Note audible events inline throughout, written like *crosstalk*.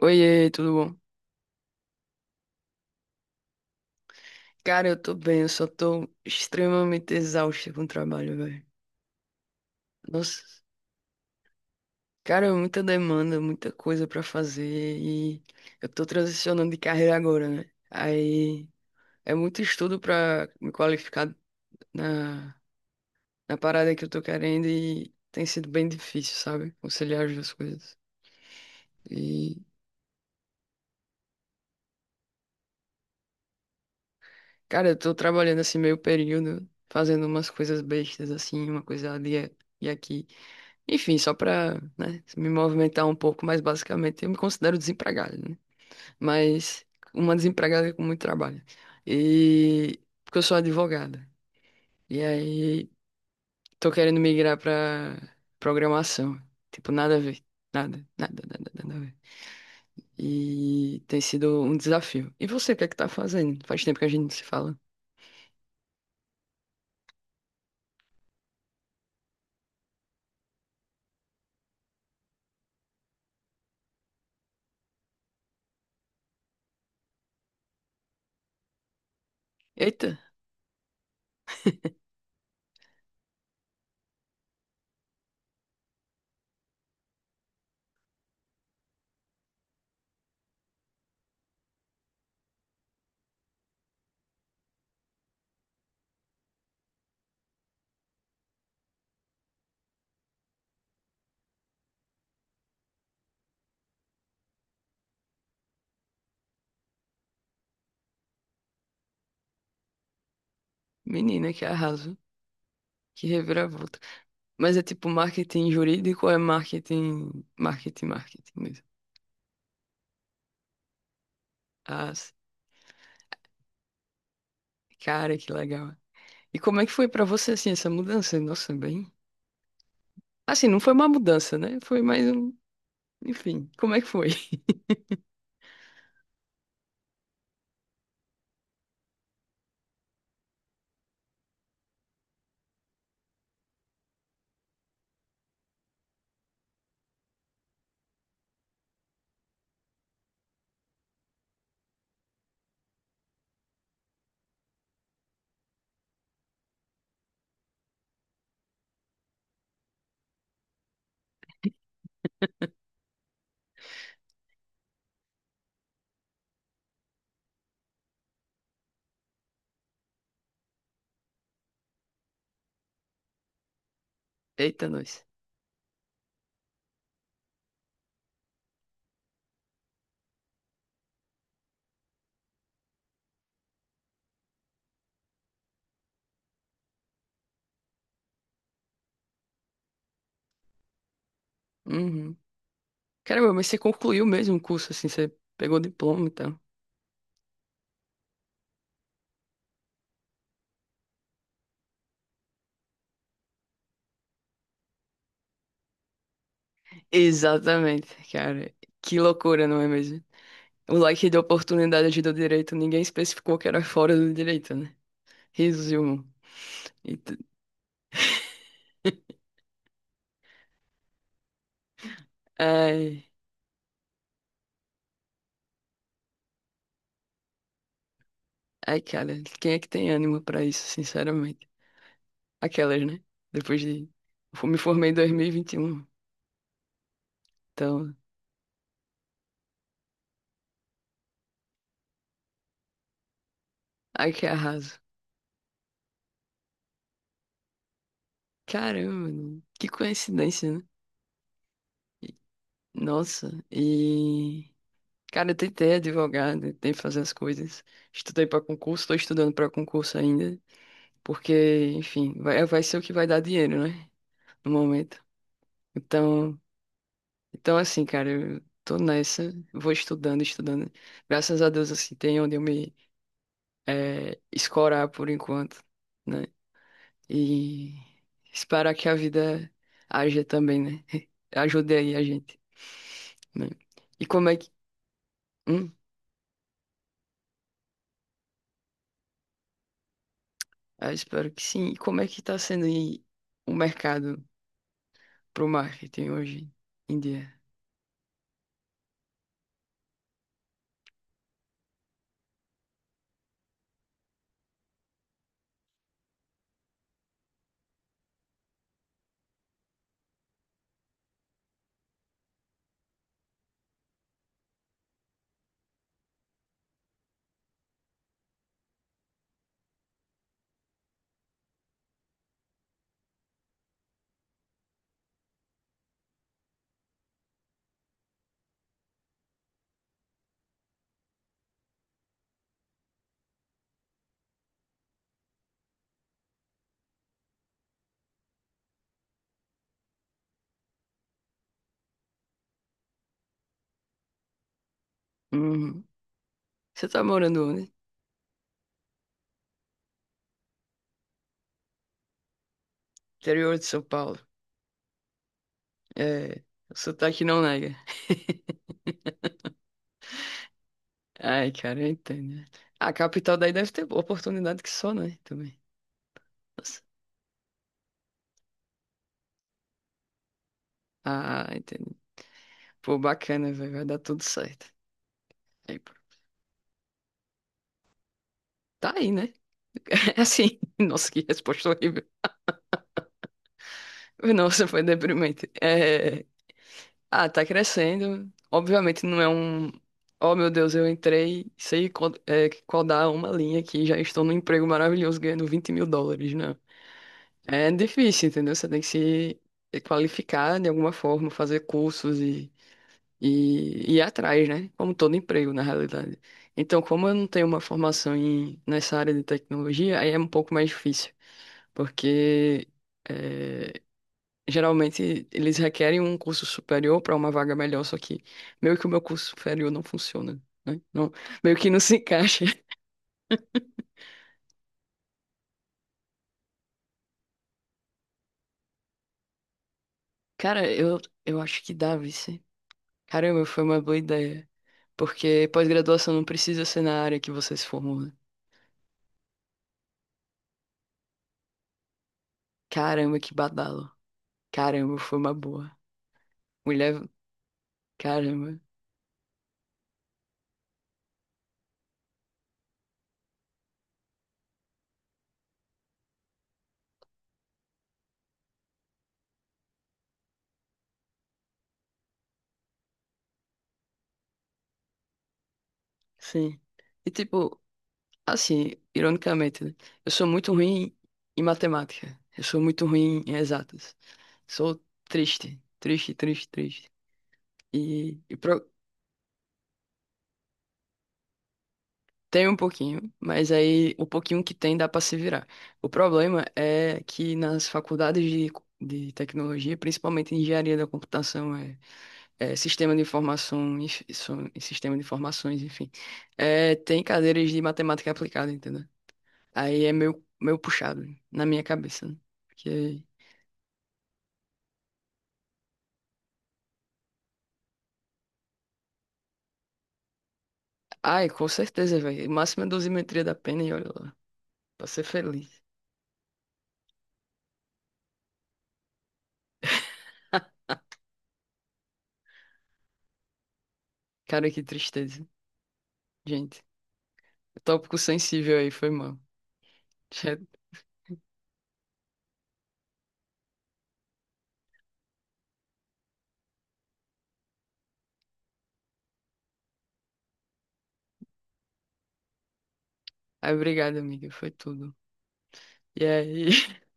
Oiê, tudo bom? Cara, eu tô bem, eu só tô extremamente exausto com o trabalho, velho. Nossa, cara, é muita demanda, muita coisa pra fazer e eu tô transicionando de carreira agora, né? Aí é muito estudo pra me qualificar na, na parada que eu tô querendo e tem sido bem difícil, sabe? Conciliar as duas coisas. E, cara, eu tô trabalhando assim meio período, fazendo umas coisas bestas assim, uma coisa ali e aqui. Enfim, só para, né, me movimentar um pouco, mas basicamente eu me considero desempregado, né? Mas uma desempregada é com muito trabalho. E porque eu sou advogada. E aí tô querendo migrar para programação. Tipo, nada a ver. Nada, nada, nada, nada a ver. E tem sido um desafio. E você, o que é que tá fazendo? Faz tempo que a gente não se fala. Eita, menina, que arraso. Que reviravolta. Mas é tipo marketing jurídico ou é marketing, marketing, marketing mesmo? Ah, cara, que legal. E como é que foi pra você, assim, essa mudança? Nossa, bem. Assim, não foi uma mudança, né? Foi mais um. Enfim, como é que foi? *laughs* Eita, nós. Uhum. Caramba, mas você concluiu mesmo o curso, assim, você pegou o diploma e tal. Exatamente, cara. Que loucura, não é mesmo? O leque de oportunidade do direito, ninguém especificou que era fora do direito, né? Resumo. E tu- *laughs* Ai, ai, cara, quem é que tem ânimo pra isso, sinceramente? Aquelas, né? Depois de. Eu me formei em 2021. Então, ai que arraso. Caramba, mano, que coincidência, né? Nossa, e. Cara, eu tentei advogado, tentei fazer as coisas. Estudei pra concurso, tô estudando pra concurso ainda. Porque, enfim, vai, vai ser o que vai dar dinheiro, né? No momento. Então, então assim, cara, eu tô nessa, vou estudando, estudando. Graças a Deus, assim, tem onde eu me escorar por enquanto, né? E esperar que a vida haja também, né? *laughs* Ajude aí a gente, né? E como é que. Hum, eu espero que sim. E como é que tá sendo aí o mercado pro marketing hoje em dia? Uhum. Você tá morando onde? Interior de São Paulo. É, o sotaque não nega. Ai, cara, eu entendo, né? A capital daí deve ter oportunidade que só, né? Também. Nossa. Ah, entendi. Pô, bacana, velho. Vai dar tudo certo. Aí, pô. Tá aí, né? É. Assim, *laughs* nossa, que resposta horrível. Nossa, foi deprimente. É, ah, tá crescendo. Obviamente não é um. Oh, meu Deus, eu entrei, codar uma linha aqui, já estou num emprego maravilhoso ganhando US$ 20.000, né? É difícil, entendeu? Você tem que se qualificar de alguma forma, fazer cursos e, e ir atrás, né? Como todo emprego, na realidade. Então, como eu não tenho uma formação nessa área de tecnologia, aí é um pouco mais difícil, porque é, geralmente eles requerem um curso superior para uma vaga melhor, só que meio que o meu curso superior não funciona, né? Não, meio que não se encaixa. *laughs* Cara, eu acho que dá, vice. Caramba, foi uma boa ideia. Porque pós-graduação não precisa ser na área que você se formou, né? Caramba, que badalo. Caramba, foi uma boa. Mulher, caramba. Sim. E tipo, assim, ironicamente, né? Eu sou muito ruim em matemática. Eu sou muito ruim em exatas. Sou triste, triste, triste, triste. E, e pro- Tem um pouquinho, mas aí o pouquinho que tem dá para se virar. O problema é que nas faculdades de tecnologia, principalmente em engenharia da computação, sistema de informação, sistema de informações, enfim, tem cadeiras de matemática aplicada, entendeu? Aí é meio, meio puxado na minha cabeça, né? Porque... Ai, com certeza, velho. Máxima dosimetria da pena e olha lá. Pra ser feliz. Cara, que tristeza. Gente, tópico sensível aí, foi mal. *laughs* Ai, obrigado, amiga. Foi tudo. E aí? *laughs*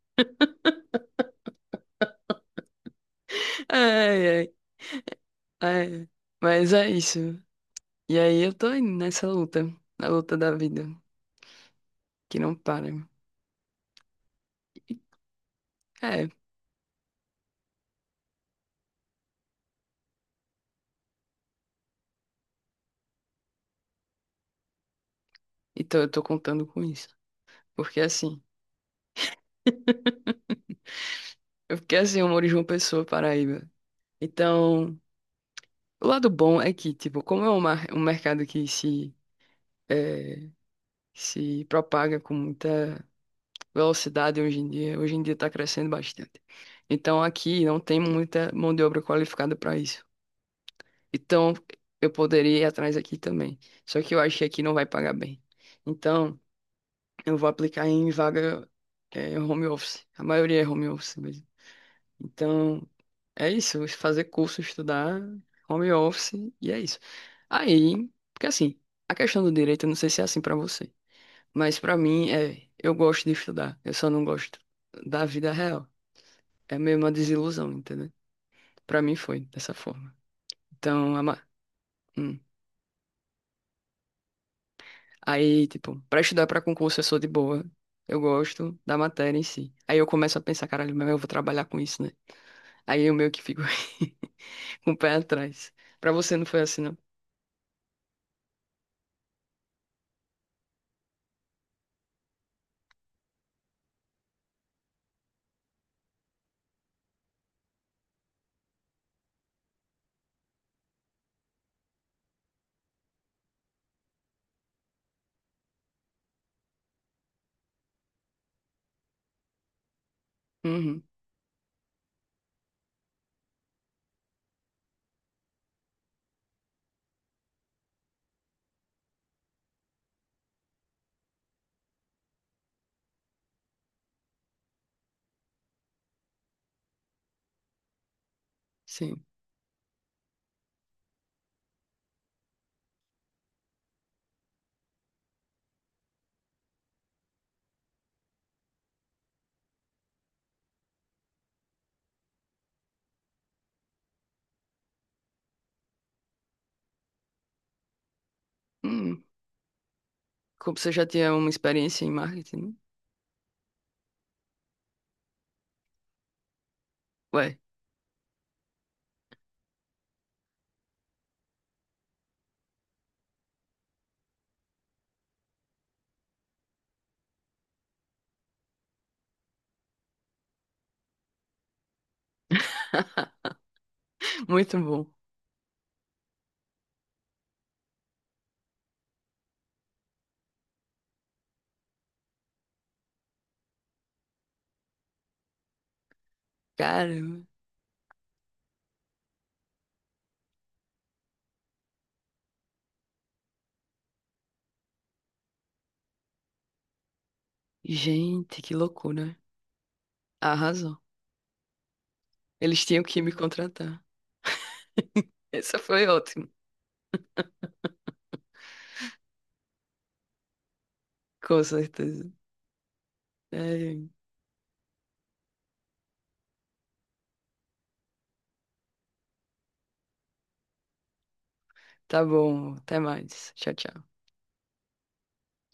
Ai, ai, ai. Mas é isso. E aí eu tô aí nessa luta. Na luta da vida. Que não para. E- É. Então eu tô contando com isso. Porque assim, eu fiquei assim, eu moro em João Pessoa, Paraíba. Então. O lado bom é que, tipo, como é um mercado que se eh, se propaga com muita velocidade hoje em dia está crescendo bastante. Então, aqui não tem muita mão de obra qualificada para isso. Então, eu poderia ir atrás aqui também. Só que eu acho que aqui não vai pagar bem. Então, eu vou aplicar em vaga, home office. A maioria é home office mesmo. Então, é isso, fazer curso, estudar, home office, e é isso. Aí, porque assim, a questão do direito, eu não sei se é assim pra você, mas pra mim é, eu gosto de estudar, eu só não gosto da vida real. É meio uma desilusão, entendeu? Pra mim foi dessa forma. Então, a ma- hum. Aí, tipo, pra estudar pra concurso eu sou de boa, eu gosto da matéria em si. Aí eu começo a pensar, caralho, mas eu vou trabalhar com isso, né? Aí eu meio que fico *laughs* com o pé atrás. Pra você não foi assim, não? Uhum. Sim. Hum, como você já tinha uma experiência em marketing, né? Ué, *laughs* muito bom. Caramba. Gente, que loucura. Arrasou. Eles tinham que me contratar. *laughs* Essa foi ótima. Com certeza. É, tá bom. Até mais. Tchau, tchau.